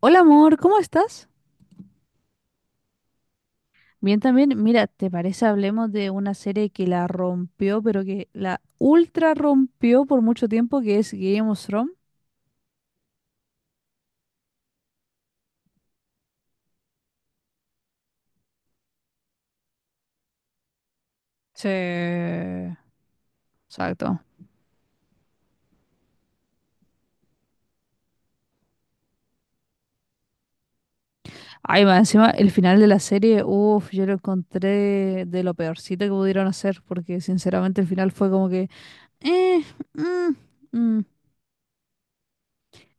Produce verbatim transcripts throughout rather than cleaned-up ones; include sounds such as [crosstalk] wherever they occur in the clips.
Hola amor, ¿cómo estás? Bien también, mira, ¿te parece hablemos de una serie que la rompió, pero que la ultra rompió por mucho tiempo, que es Game of Thrones? Sí, exacto. Ay, más encima, el final de la serie, uff, yo lo encontré de lo peorcito que pudieron hacer, porque sinceramente el final fue como que, eh, mm, mm.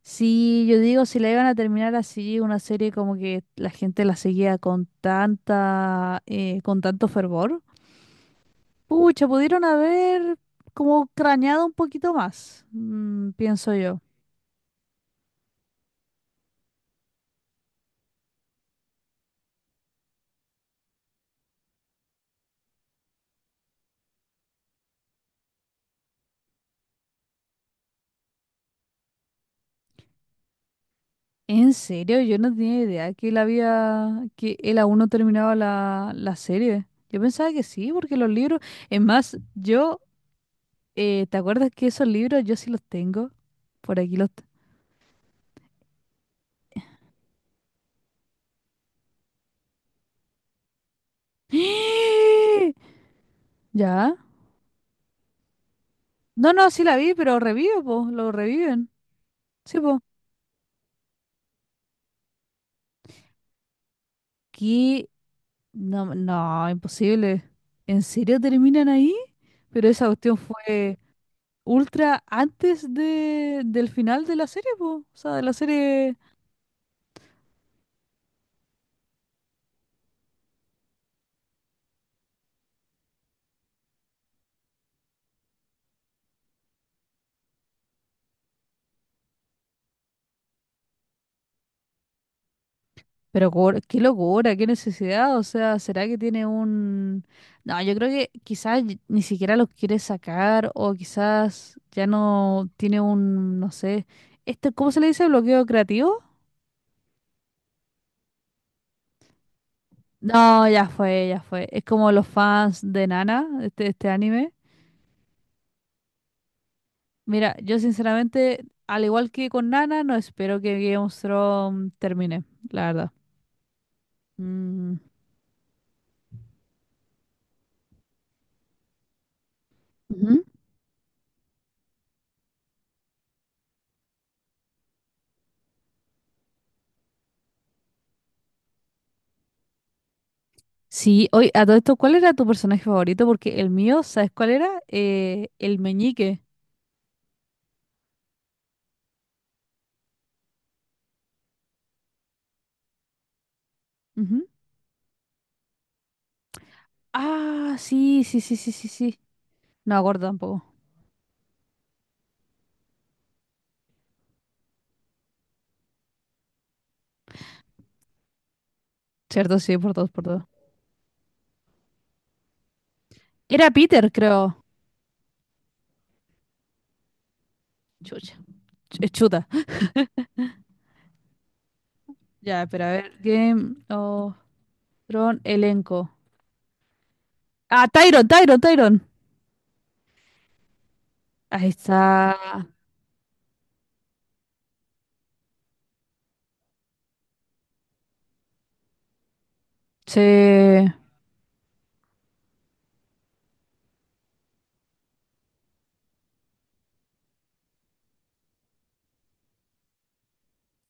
Sí, yo digo, si la iban a terminar así, una serie como que la gente la seguía con tanta, eh, con tanto fervor. Pucha, pudieron haber como craneado un poquito más, mm, pienso yo. En serio, yo no tenía idea que él había, que él aún no terminaba la, la serie. Yo pensaba que sí, porque los libros, es más, yo, eh, ¿te acuerdas que esos libros yo sí los tengo? Por aquí los... te- [gasps] ¿Ya? No, no, sí la vi, pero revive, po, lo reviven. Sí, po. ¿Qué? No, no, imposible. ¿En serio terminan ahí? Pero esa cuestión fue... ultra antes de, del final de la serie, po. O sea, de la serie. Pero cor- qué locura, qué necesidad. O sea, ¿será que tiene un...? No, yo creo que quizás y- ni siquiera los quiere sacar o quizás ya no tiene un, no sé, este, ¿cómo se le dice? ¿Bloqueo creativo? No, ya fue, ya fue. Es como los fans de Nana, este, este anime. Mira, yo sinceramente, al igual que con Nana, no espero que Game of Thrones termine, la verdad. Mm. Ujú. Sí, oye, a todo esto, ¿cuál era tu personaje favorito? Porque el mío, ¿sabes cuál era? Eh, el meñique. Ujú. Ah, sí, sí, sí, sí, sí, sí. No me acuerdo tampoco. Cierto, sí, por todos, por todos. Era Peter, creo. Chucha. Ch- chuta. [laughs] Ya, pero a ver. Game of Thrones, elenco. Ah, Tyron, Tyron, Tyron. Ahí está. Sí, el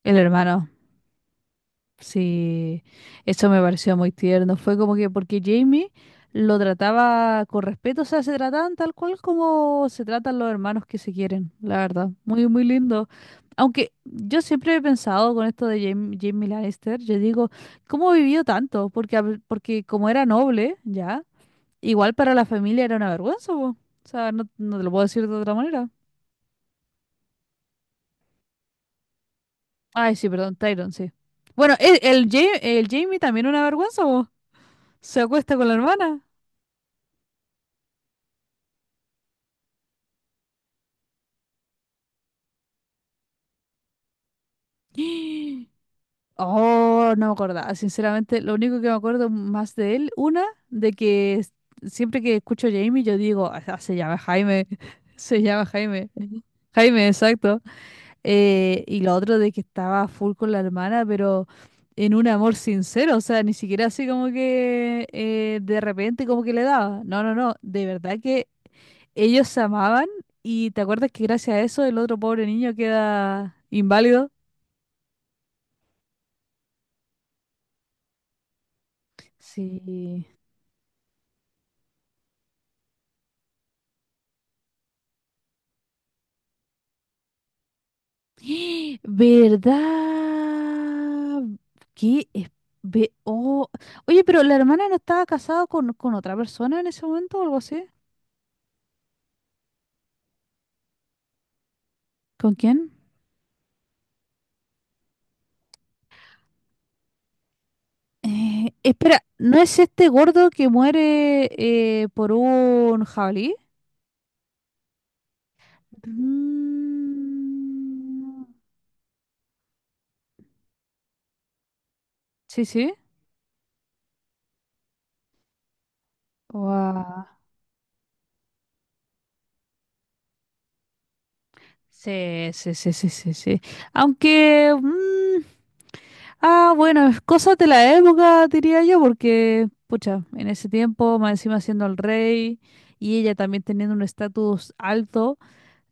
hermano. Sí, eso me pareció muy tierno. Fue como que porque Jamie lo trataba con respeto, o sea, se trataban tal cual como se tratan los hermanos que se quieren, la verdad. Muy, muy lindo. Aunque yo siempre he pensado con esto de Jamie, Jamie Lannister, yo digo, ¿cómo vivió tanto? Porque, a- porque como era noble, ya, igual para la familia era una vergüenza, po. O sea, no, no te lo puedo decir de otra manera. Ay, sí, perdón, Tyron, sí. Bueno, el, el, Ja- el Jamie también una vergüenza, po. Se acuesta con la hermana. [gasps] Oh, no me acordaba. Sinceramente, lo único que me acuerdo más de él, una, de que s- siempre que escucho a Jamie, yo digo, "Ah, ah, se llama Jaime, [laughs] se llama Jaime, Jaime, exacto". Eh, y lo otro de que estaba full con la hermana, pero en un amor sincero, o sea, ni siquiera así como que eh, de repente como que le daba. No, no, no, de verdad que ellos se amaban y te acuerdas que gracias a eso el otro pobre niño queda inválido. Sí. [gasps] ¿Verdad? ¿Qué es- ve- oh. Oye, pero la hermana no estaba casada con, con otra persona en ese momento o algo así. ¿Con quién? Eh, espera, ¿no es este gordo que muere eh, por un jabalí? Mm, sí, sí. Guau. Sí, sí, sí, sí, sí, sí. Aunque, mm, ah, bueno, es cosas de la época, diría yo, porque, pucha, en ese tiempo, más encima siendo el rey y ella también teniendo un estatus alto,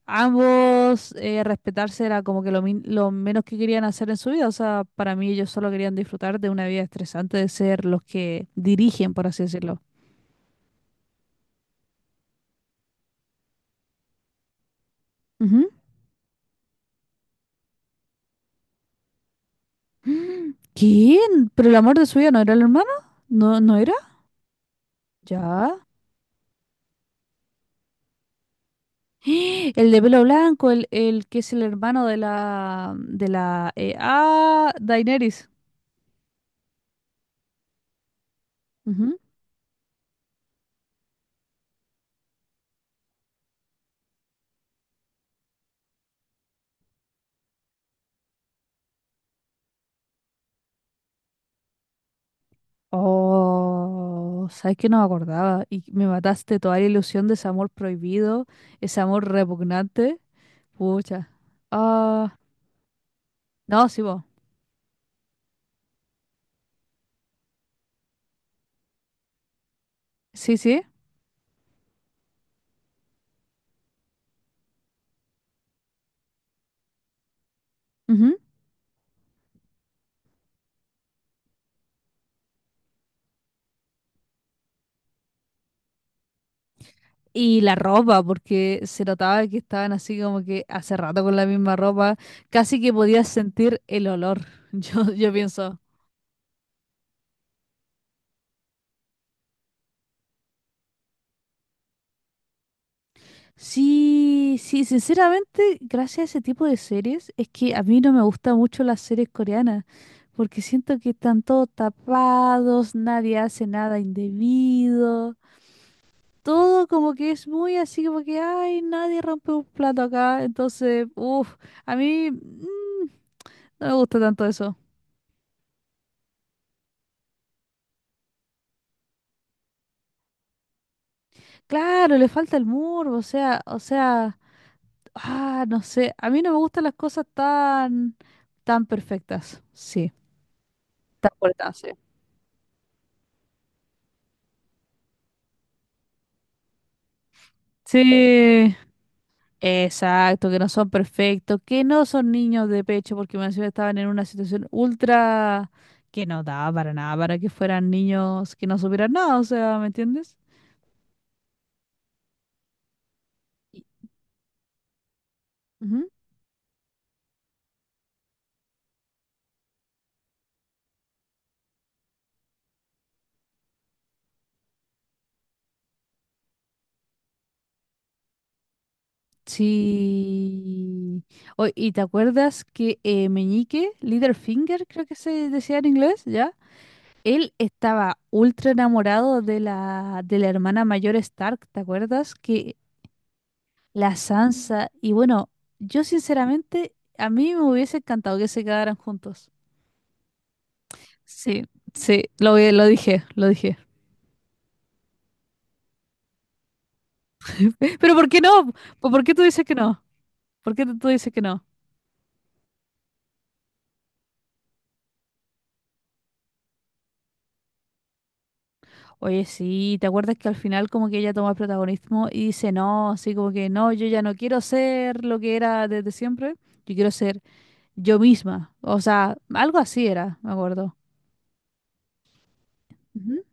ambos eh, respetarse era como que lo, min- lo menos que querían hacer en su vida. O sea, para mí ellos solo querían disfrutar de una vida estresante, de ser los que dirigen, por así decirlo. Ujú. [gasps] Mm, ¿quién? ¿Pero el amor de su vida no era el hermano? ¿No, no era? Ya. [gasps] ¡Ah! El de pelo blanco, el, el que es el hermano de la de la eh, ah, Daenerys. Ujú. Oh, sabes que no me acordaba y me mataste toda la ilusión de ese amor prohibido, ese amor repugnante. Pucha. Ah, no, sí, vos. Sí, sí. Ujú. Y la ropa, porque se notaba que estaban así como que hace rato con la misma ropa, casi que podías sentir el olor. [laughs] Yo, yo pienso. Sí, sí, sinceramente, gracias a ese tipo de series, es que a mí no me gustan mucho las series coreanas, porque siento que están todos tapados, nadie hace nada indebido, todo como que es muy así, como que, ay, nadie rompe un plato acá, entonces, uff, a mí mm, no me gusta tanto eso. Claro, le falta el muro, o sea, o sea, ah, no sé, a mí no me gustan las cosas tan, tan perfectas, sí, tan cortadas. Sí, exacto, que no son perfectos, que no son niños de pecho, porque me encima estaban en una situación ultra que no daba para nada, para que fueran niños que no supieran nada, o sea, ¿me entiendes? Y- ujú. Sí. Oy, ¿y te acuerdas que eh, Meñique, Littlefinger, creo que se decía en inglés, ¿ya? Él estaba ultra enamorado de la, de la hermana mayor Stark, ¿te acuerdas? Que la Sansa. Y bueno, yo sinceramente, a mí me hubiese encantado que se quedaran juntos. Sí, sí, lo, vi- lo dije, lo dije. [laughs] Pero ¿por qué no? ¿Po- ¿Por qué tú dices que no? ¿Por qué tú dices que no? Oye, sí, ¿te acuerdas que al final como que ella toma el protagonismo y dice no, así como que no, yo ya no quiero ser lo que era desde siempre, yo quiero ser yo misma? O sea, algo así era, me acuerdo. Ujú.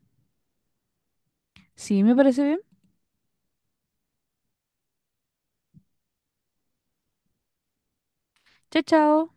Sí, me parece bien. Chao, chao.